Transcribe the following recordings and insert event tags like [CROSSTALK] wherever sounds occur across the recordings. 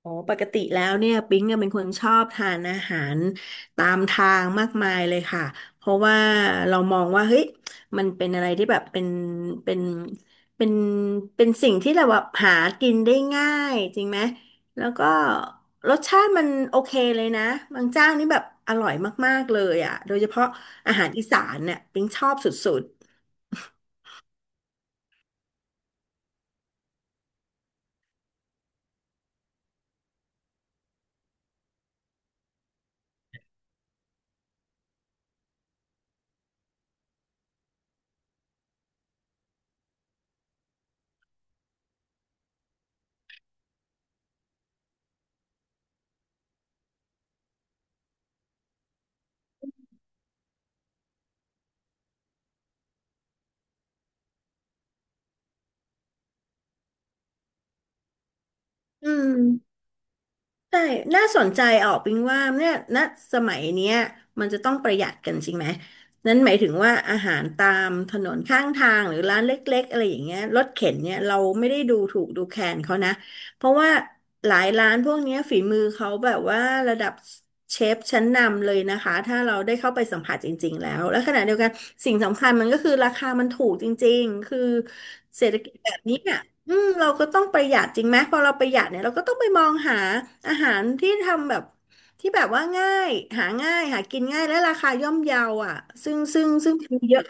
โอ้ปกติแล้วเนี่ยปิ๊งเนี่ยเป็นคนชอบทานอาหารตามทางมากมายเลยค่ะเพราะว่าเรามองว่าเฮ้ยมันเป็นอะไรที่แบบเป็นเป็นเป็นสิ่งที่เราแบบหากินได้ง่ายจริงไหมแล้วก็รสชาติมันโอเคเลยนะบางเจ้านี่แบบอร่อยมากๆเลยอ่ะโดยเฉพาะอาหารอีสานเนี่ยปิ๊งชอบสุดๆอืม ใช่น่าสนใจออกปิงว่าเนี่ยณสมัยเนี้ยมันจะต้องประหยัดกันจริงไหม นั้นหมายถึงว่าอาหารตามถนนข้างทางหรือร้านเล็กๆอะไรอย่างเงี้ยรถเข็นเนี่ยเราไม่ได้ดูถูกดูแคลนเขานะเพราะว่าหลายร้านพวกเนี้ยฝีมือเขาแบบว่าระดับเชฟชั้นนำเลยนะคะถ้าเราได้เข้าไปสัมผัสจริงๆแล้ว และขณะเดียวกันสิ่งสำคัญมันก็คือราคามันถูกจริงๆคือเศรษฐกิจแบบนี้ อืมเราก็ต้องประหยัดจริงไหมพอเราประหยัดเนี่ยเราก็ต้องไปมองหาอาหารที่ทำแบบที่แบบว่าง่ายหาง่ายหากินง่ายและราคาย่อมเยาอ่ะซึ่งมีเยอะ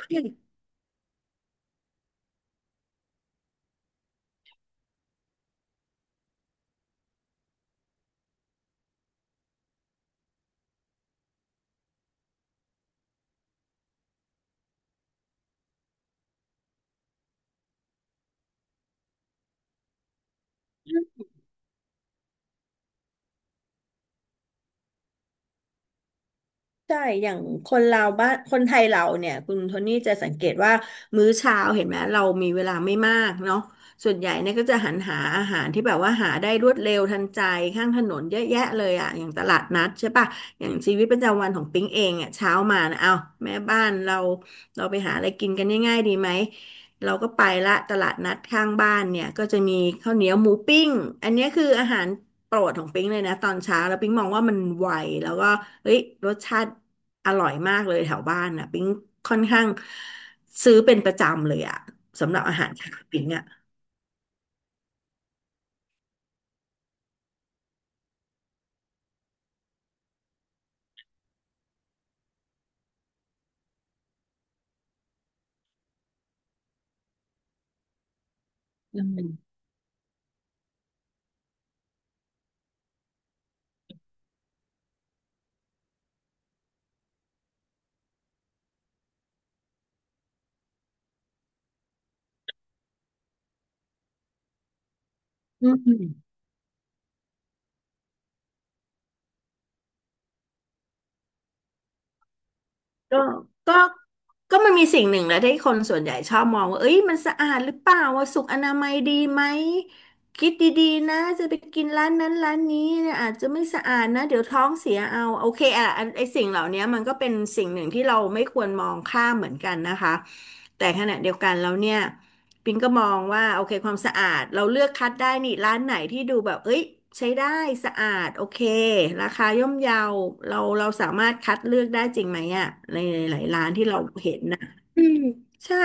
ใช่ อย่างคนเราบ้านคนไทยเราเนี่ย คุณโทนี่จะสังเกตว่ามื้อเช้าเห็นไหม เรามีเวลาไม่มากเนาะส่วนใหญ่เนี่ยก็จะหันหาอาหารที่แบบว่าหาได้รวดเร็วทันใจข้างถนนเยอะแยะเลยอ่ะอย่างตลาดนัดใช่ปะอย่างชีวิตประจำวันของปิ๊งเองอ่ะเช้ามานะเอาแม่บ้านเราเราไปหาอะไรกินกันง่ายๆดีไหม เราก็ไปละตลาดนัดข้างบ้านเนี่ยก็จะมีข้าวเหนียวหมูปิ้งอันเนี้ยคืออาหารโปรดของปิ๊งเลยนะตอนเช้าแล้วปิ๊งมองว่ามันไวแล้วก็เฮ้ยรสชาติอร่อยมากเลยแถวบ้านน่ะปิ๊งค่อนข้างซื้อเป็นประจำเลยอะสำหรับอาหารเช้าปิ๊งอะอืมอืม ก็ก็ก็มันมีสิ่งหนึ่งแหละที่คนส่วนใหญ่ชอบมองว่าเอ้ยมันสะอาดหรือเปล่าว่าสุขอนามัยดีไหม คิดดีๆนะจะไปกินร้านนั้นร้านนี้เนี่ยอาจจะไม่สะอาดนะ เดี๋ยวท้องเสียเอา โอเคอ่ะอันไอ้สิ่งเหล่านี้มันก็เป็นสิ่งหนึ่งที่เราไม่ควรมองข้ามเหมือนกันนะคะ แต่ขณะเดียวกันแล้วเนี่ย ปิงก็มองว่าโอเคความสะอาดเราเลือกคัดได้นี่ร้านไหนที่ดูแบบเอ้ยใช้ได้สะอาดโอเคราคาย่อมเยาเราสามารถคัดเลือกได้จริงไหมอ่ะในหลายๆร้านที่เราเห็นนะอืมใช่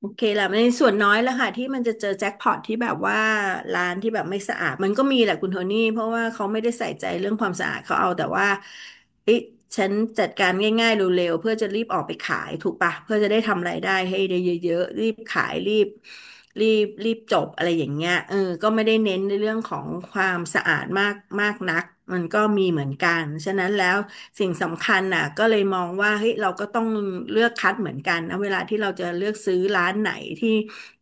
โอเคแหละในส่วนน้อยแหล้วค่ะที่มันจะเจอแจ็คพอตที่แบบว่าร้านที่แบบไม่สะอาดมันก็มีแหละคุณโทนี่เพราะว่าเขาไม่ได้ใส่ใจเรื่องความสะอาดเขาเอาแต่ว่าเอ๊ะฉันจัดการง่ายๆเร็วๆเพื่อจะรีบออกไปขายถูกปะเพื่อจะได้ทำรายได้ให้ได้เยอะๆรีบขายรีบจบอะไรอย่างเงี้ยเออก็ไม่ได้เน้นในเรื่องของความสะอาดมากมากนัก มันก็มีเหมือนกัน ฉะนั้นแล้วสิ่งสำคัญน่ะก็เลยมองว่าเฮ้ยเราก็ต้องเลือกคัดเหมือนกันนะเวลาที่เราจะเลือกซื้อร้านไหนที่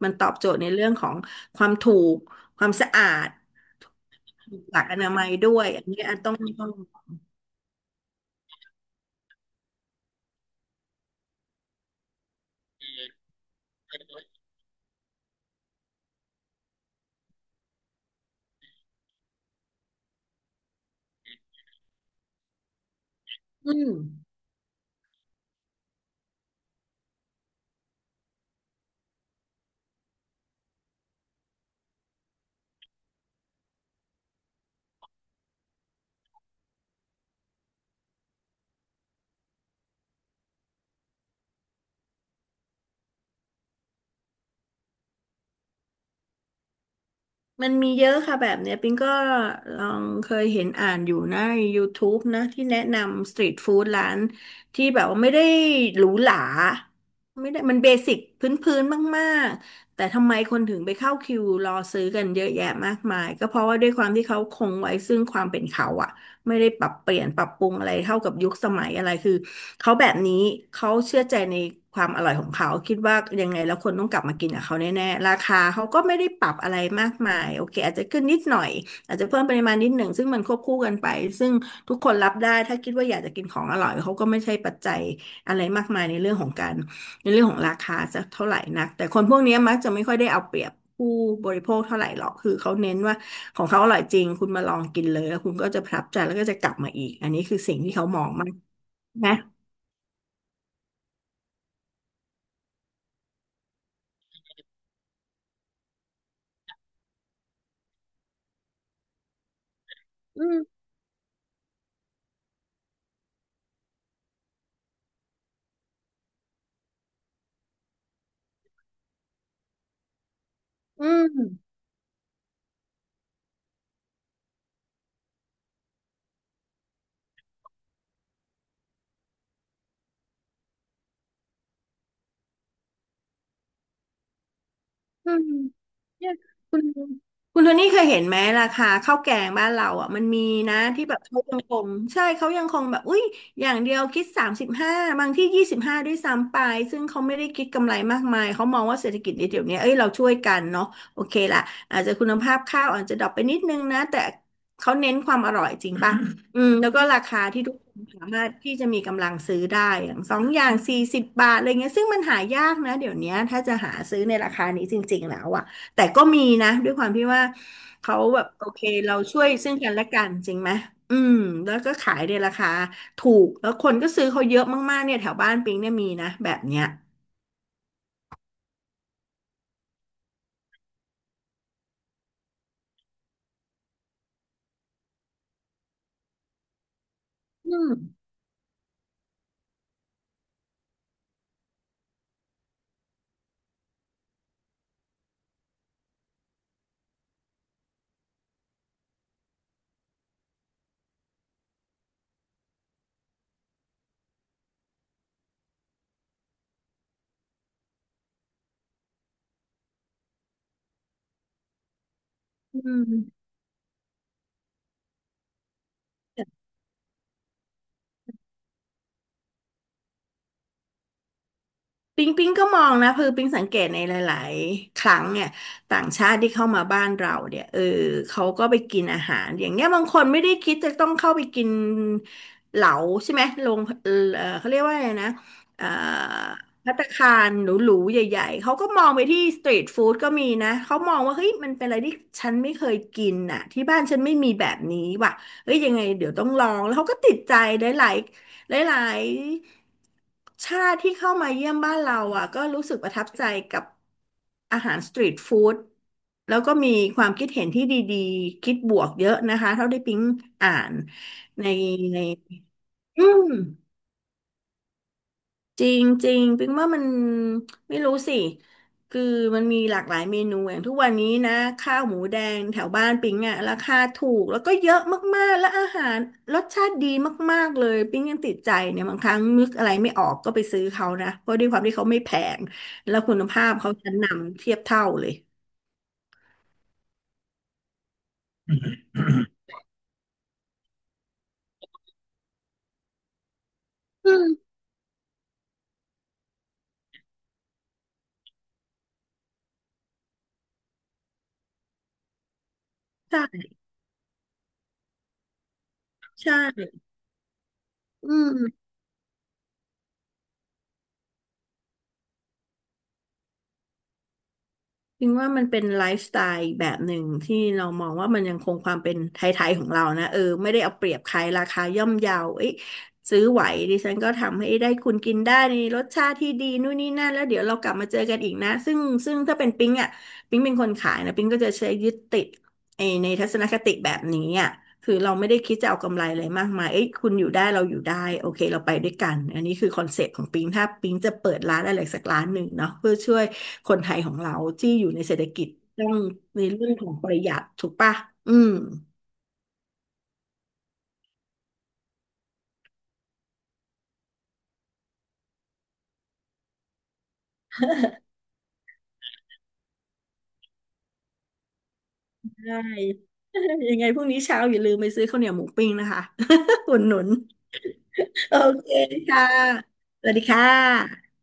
มันตอบโจทย์ในเรื่องของความถูกความสะอาดหลักอนามัยด้วยอันนี้อันต้องอืม มันมีเยอะค่ะแบบเนี้ยปิงก็ลองเคยเห็นอ่านอยู่นะใน YouTube นะที่แนะนำสตรีทฟู้ดร้านที่แบบว่าไม่ได้หรูหราไม่ได้มันเบสิกพื้นๆมากๆแต่ทำไมคนถึงไปเข้าคิวรอซื้อกันเยอะแยะมากมายก็เพราะว่าด้วยความที่เขาคงไว้ซึ่งความเป็นเขาอะ ไม่ได้ปรับเปลี่ยนปรับปรุงอะไรเท่ากับยุคสมัยอะไรคือเขาแบบนี้เขาเชื่อใจในความอร่อยของเขาคิดว่ายังไงแล้วคนต้องกลับมากินกับเขาแน่ๆราคาเขาก็ไม่ได้ปรับอะไรมากมายโอเคอาจจะขึ้นนิดหน่อยอาจจะเพิ่มปริมาณนิดหนึ่งซึ่งมันควบคู่กันไปซึ่งทุกคนรับได้ถ้าคิดว่าอยากจะกินของอร่อยเขาก็ไม่ใช่ปัจจัยอะไรมากมายในเรื่องของการ ในเรื่องของราคาจะเท่าไหร่นักแต่คนพวกเนี้ยมักจะไม่ค่อยได้เอาเปรียบผู้บริโภคเท่าไหร่หรอกคือเขาเน้นว่าของเขาอร่อยจริงคุณมาลองกินเลยแล้วคุณก็จะประทับใจแล้วก็จะกลับมาอีกอันนี้คือสิ่งที่เขามองมากนะอืม คุณโทนี่เคยเห็นไหมราคาข้าวแกงบ้านเราอ่ะมันมีนะที่แบบเขายังคงใช่เขายังคงแบบอุ้ยอย่างเดียวคิดสามสิบห้าบางที่ยี่สิบห้าด้วยซ้ำไปซึ่งเขาไม่ได้คิดกำไรมากมายเขามองว่าเศรษฐกิจในเดี๋ยวนี้เอ้ยเราช่วยกันเนาะโอเคละอาจจะคุณภาพข้าวอาจจะดรอปไปนิดนึงนะแต่เขาเน้นความอร่อยจริงป่ะอืมแล้วก็ราคาที่ทุกคนสามารถที่จะมีกำลังซื้อได้อย่างสองอย่าง40 บาทอะไรเงี้ยซึ่งมันหายากนะเดี๋ยวนี้ถ้าจะหาซื้อในราคานี้จริงๆแล้วอะ แต่ก็มีนะด้วยความที่ว่าเขาแบบโอเคเราช่วยซึ่งกันและกันจริงไหม อืมแล้วก็ขายในราคาถูกแล้วคนก็ซื้อเขาเยอะมากๆเนี่ยแถวบ้านปิงเนี่ยมีนะแบบเนี้ยอืม ปิงก็มองนะคือปิงสังเกตในหลายๆครั้งเนี่ยต่างชาติที่เข้ามาบ้านเราเนี่ยเออเขาก็ไปกินอาหารอย่างเงี้ยบางคนไม่ได้คิดจะต้องเข้าไปกินเหลาใช่ไหมลงเออเขาเรียกว่าอะไรนะเอ่อภัตตาคารหรูๆใหญ่ๆเขาก็มองไปที่สตรีทฟู้ดก็มีนะเขามองว่าเฮ้ยมันเป็นอะไรที่ฉันไม่เคยกินน่ะที่บ้านฉันไม่มีแบบนี้ว่ะเฮ้ยยังไงเดี๋ยวต้องลองแล้วเขาก็ติดใจหลาย หลายๆชาติที่เข้ามาเยี่ยมบ้านเราอ่ะก็รู้สึกประทับใจกับอาหารสตรีทฟู้ดแล้วก็มีความคิดเห็นที่ดีๆคิดบวกเยอะนะคะเท่าที่ปิ๊งอ่านในในอืม จริงจริงปิงว่ามันไม่รู้สิคือมันมีหลากหลายเมนูอย่างทุกวันนี้นะข้าวหมูแดงแถวบ้านปิงอ่ะราคาถูกแล้วก็เยอะมากๆและอาหารรสชาติดีมากๆเลยปิงยังติดใจเนี่ยบางครั้งนึกอะไรไม่ออกก็ไปซื้อเขานะเพราะด้วยความที่เขาไม่แพงแล้วคุณภาพเขาชั้นนำเทียบเท่าเลยอืมใช่ใช่อืม จริงว่ามันเป็นไลฟ์สไตล์แบบหนึ่งที่เรามองว่ามันยังคงความเป็นไทยๆของเรานะเออไม่ได้เอาเปรียบใครราคาย่อมเยาเอ้ยซื้อไหวดิฉันก็ทำให้ได้คุณกินได้ในรสชาติที่ดีนู่นนี่นั่นแล้วเดี๋ยวเรากลับมาเจอกันอีกนะซึ่งถ้าเป็นปิ๊งอ่ะปิ๊งเป็นคนขายนะปิ๊งก็จะใช้ยึดติดไอในทัศนคติแบบนี้อ่ะ คือเราไม่ได้คิดจะเอากำไรอะไรมากมายเอ้ยคุณอยู่ได้เราอยู่ได้โอเคเราไปด้วยกันอันนี้คือคอนเซ็ปต์ของปิงถ้าปิงจะเปิดร้านอะไรสักร้านหนึ่งเนาะเพื่อช่วยคนไทยของเราที่อยู่ในเศรษฐกิจต้องในเรื่องของประหยัดถูกปะอืมใช่ [LAUGHS] ยังไงพรุ่งนี้เช้าอย่าลืมไปซื้อข้าวเหนียวหมูปิ้งนะคะ [LAUGHS] อุดหนุนโอเคค่ะสวัสดีค่ะ